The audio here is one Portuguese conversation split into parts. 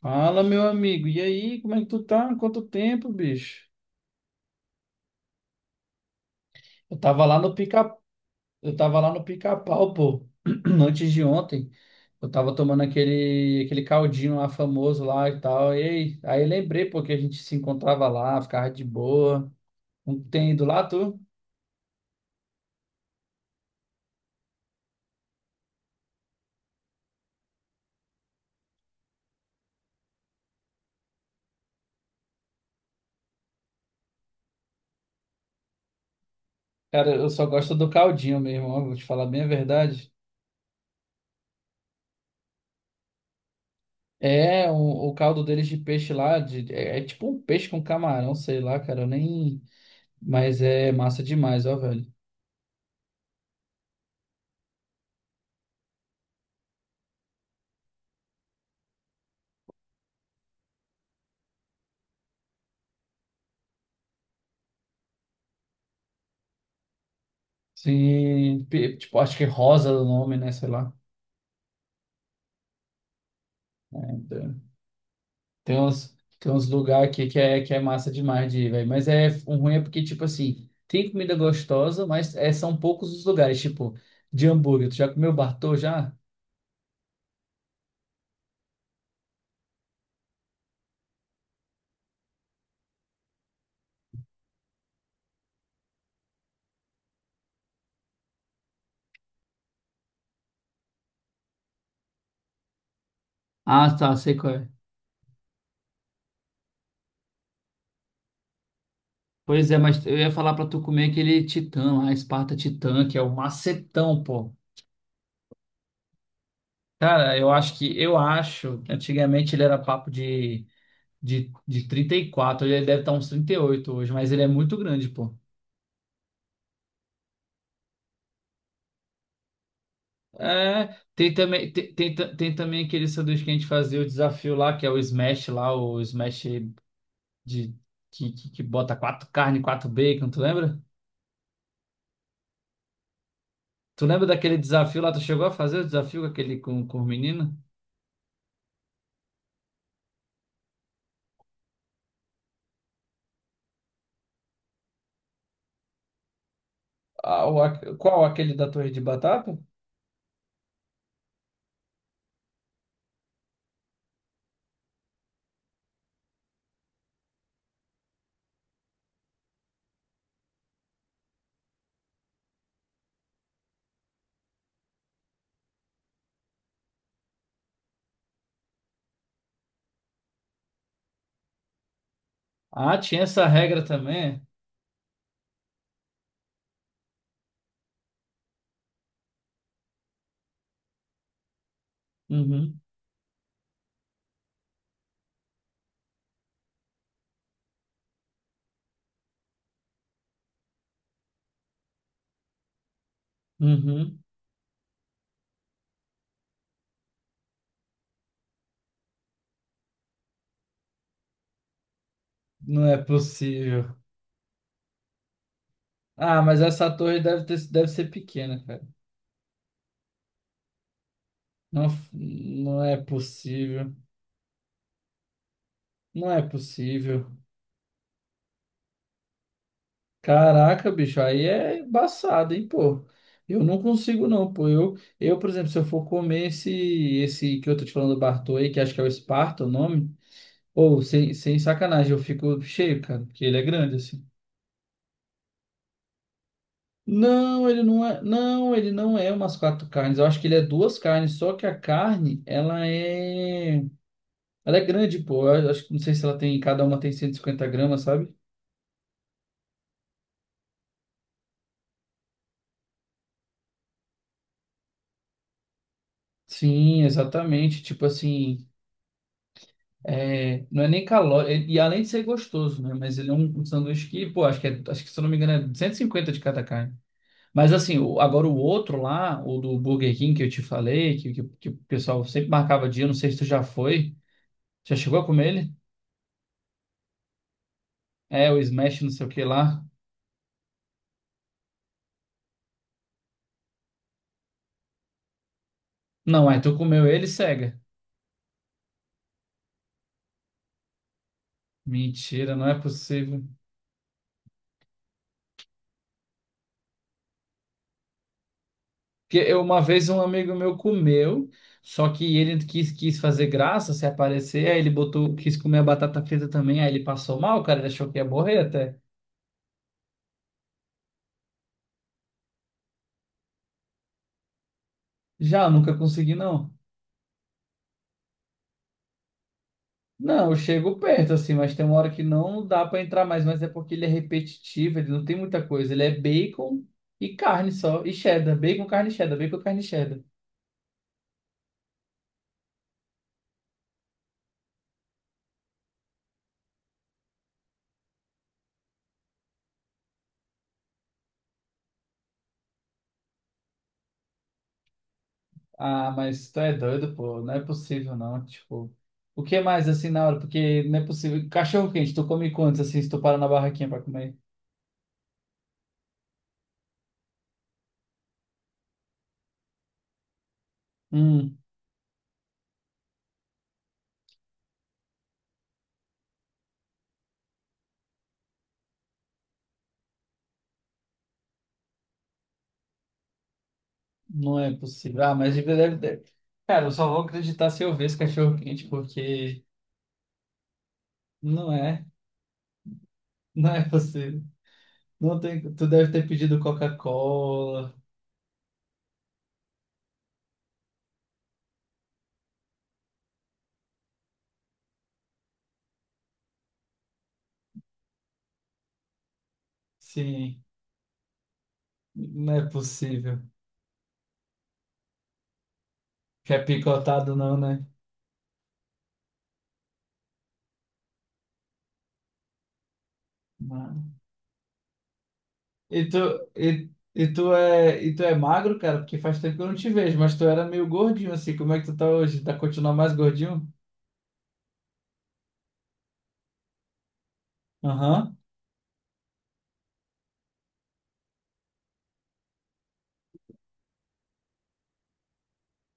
Fala, meu amigo. E aí, como é que tu tá? Quanto tempo, bicho? Eu tava lá no pica... Eu tava lá no pica-pau, pô, antes de ontem. Eu tava tomando aquele caldinho lá famoso lá e tal. E aí, lembrei, pô, que a gente se encontrava lá, ficava de boa. Não tem ido lá, tu? Cara, eu só gosto do caldinho mesmo, ó, vou te falar bem a verdade. É, o caldo deles de peixe lá, é tipo um peixe com camarão, sei lá, cara, eu nem. Mas é massa demais, ó, velho. Sim, tipo, acho que é Rosa é o nome, né? Sei lá. Então, tem uns lugares aqui que é massa demais de ir, velho. Mas é, o ruim é porque, tipo assim, tem comida gostosa, mas é, são poucos os lugares. Tipo, de hambúrguer. Tu já comeu Bartô já? Ah, tá, sei qual é. Pois é, mas eu ia falar pra tu comer aquele Titã lá, Esparta Titã, que é o macetão, pô. Cara, eu acho que antigamente ele era papo de 34, ele deve estar uns 38 hoje, mas ele é muito grande, pô. É, tem também, tem também aquele sanduíche que a gente fazia o desafio lá, que é o smash lá, de, que bota quatro carne, quatro bacon, tu lembra? Tu lembra daquele desafio lá? Tu chegou a fazer o desafio com aquele com o menino? Ah, qual? Aquele da torre de batata? Ah, tinha essa regra também. É. Uhum, uhum. Não é possível. Ah, mas essa torre deve ser pequena, cara. Não, não é possível. Não é possível. Caraca, bicho, aí é embaçado, hein, pô. Eu não consigo não, pô. Eu, por exemplo, se eu for comer esse, que eu tô te falando do Bartô aí, que acho que é o Esparta, o nome, ou sem sacanagem, eu fico cheio, cara, porque ele é grande assim. Não, ele não é, ele não é umas quatro carnes. Eu acho que ele é duas carnes, só que a carne, ela é grande, pô. Eu acho que não sei se ela tem, cada uma tem 150 g, sabe? Sim, exatamente. Tipo assim, é, não é nem calórico, e além de ser gostoso, né? Mas ele é um sanduíche que, pô, acho que se eu não me engano é 150 de cada carne. Mas assim, agora o outro lá, o do Burger King que eu te falei, que o pessoal sempre marcava dia, não sei se tu já foi, já chegou a comer ele? É, o Smash não sei o que lá. Não, aí tu comeu ele, cega. Mentira, não é possível. Uma vez um amigo meu comeu, só que ele quis fazer graça, se aparecer, aí ele botou, quis comer a batata frita também, aí ele passou mal, cara, ele achou que ia morrer até. Já, eu nunca consegui, não. Não, eu chego perto, assim, mas tem uma hora que não dá pra entrar mais, mas é porque ele é repetitivo, ele não tem muita coisa. Ele é bacon e carne só, e cheddar, bacon, carne, cheddar, bacon, carne, cheddar. Ah, mas tu é doido, pô. Não é possível, não. Tipo, o que mais assim na hora? Porque não é possível. Cachorro quente, tu come quantos assim se tu para na barraquinha pra comer? Hum, não é possível. Ah, mas deve, deve, deve. Cara, eu só vou acreditar se eu ver esse cachorro quente, porque não é. Não é possível. Não tem, tu deve ter pedido Coca-Cola. Sim, não é possível. Quer picotado, não, né? E tu, e, e tu é magro, cara, porque faz tempo que eu não te vejo, mas tu era meio gordinho assim. Como é que tu tá hoje? Tá continuando mais gordinho? Aham.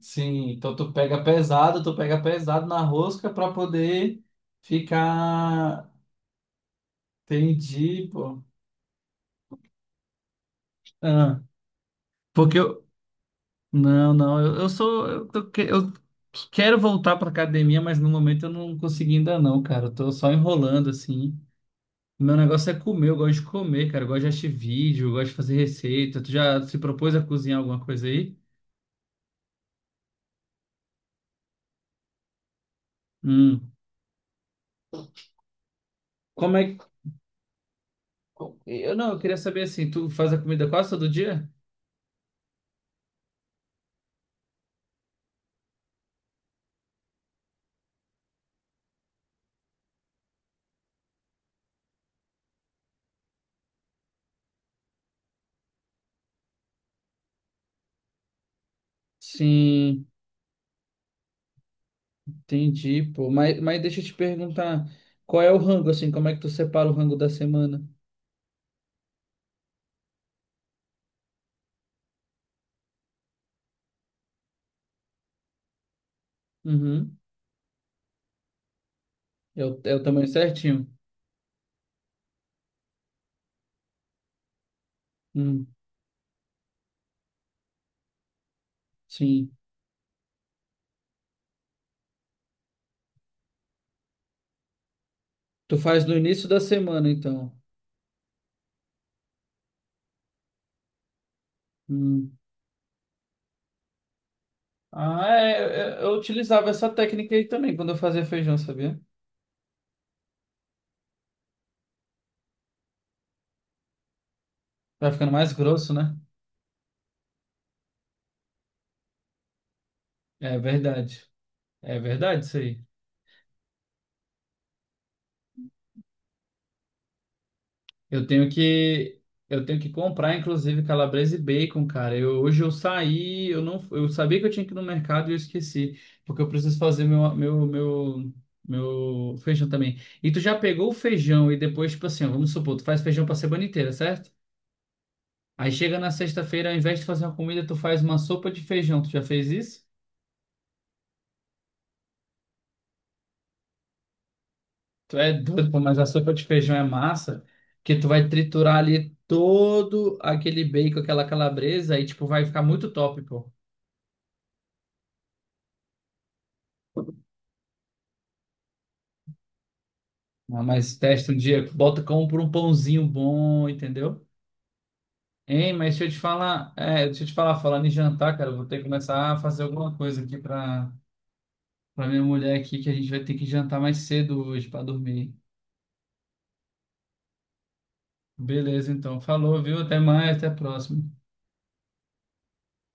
Sim, então tu pega pesado, na rosca pra poder ficar. Entendi, pô. Ah, porque eu. Não, não, eu sou. Eu quero voltar pra academia, mas no momento eu não consegui ainda não, cara. Eu tô só enrolando assim. Meu negócio é comer, eu gosto de comer, cara. Eu gosto de assistir vídeo, eu gosto de fazer receita. Tu já se propôs a cozinhar alguma coisa aí? Hum. Como é que. Eu não, eu queria saber assim, tu faz a comida quase todo dia? Sim, entendi, pô. Mas deixa eu te perguntar, qual é o rango, assim? Como é que tu separa o rango da semana? Uhum. É o tamanho certinho? Hum, sim. Tu faz no início da semana, então. Hum. Ah, é, eu utilizava essa técnica aí também quando eu fazia feijão, sabia? Vai ficando mais grosso, né? É verdade. É verdade isso aí. Eu tenho que eu tenho que comprar inclusive calabresa e bacon, cara. Eu hoje eu saí, eu não eu sabia que eu tinha que ir no mercado e eu esqueci, porque eu preciso fazer meu feijão também. E tu já pegou o feijão e depois tipo assim, ó, vamos supor, tu faz feijão pra semana inteira, certo? Aí chega na sexta-feira, ao invés de fazer uma comida, tu faz uma sopa de feijão. Tu já fez isso? Tu é doido, pô, mas a sopa de feijão é massa, que tu vai triturar ali todo aquele bacon, aquela calabresa, e tipo, vai ficar muito top, pô. Ah, mas testa um dia, bota com por um pãozinho bom, entendeu? Hein, mas deixa eu te falar, é, deixa eu te falar, falando em jantar, cara, eu vou ter que começar a fazer alguma coisa aqui pra minha mulher aqui, que a gente vai ter que jantar mais cedo hoje pra dormir. Beleza, então. Falou, viu? Até mais, até a próxima.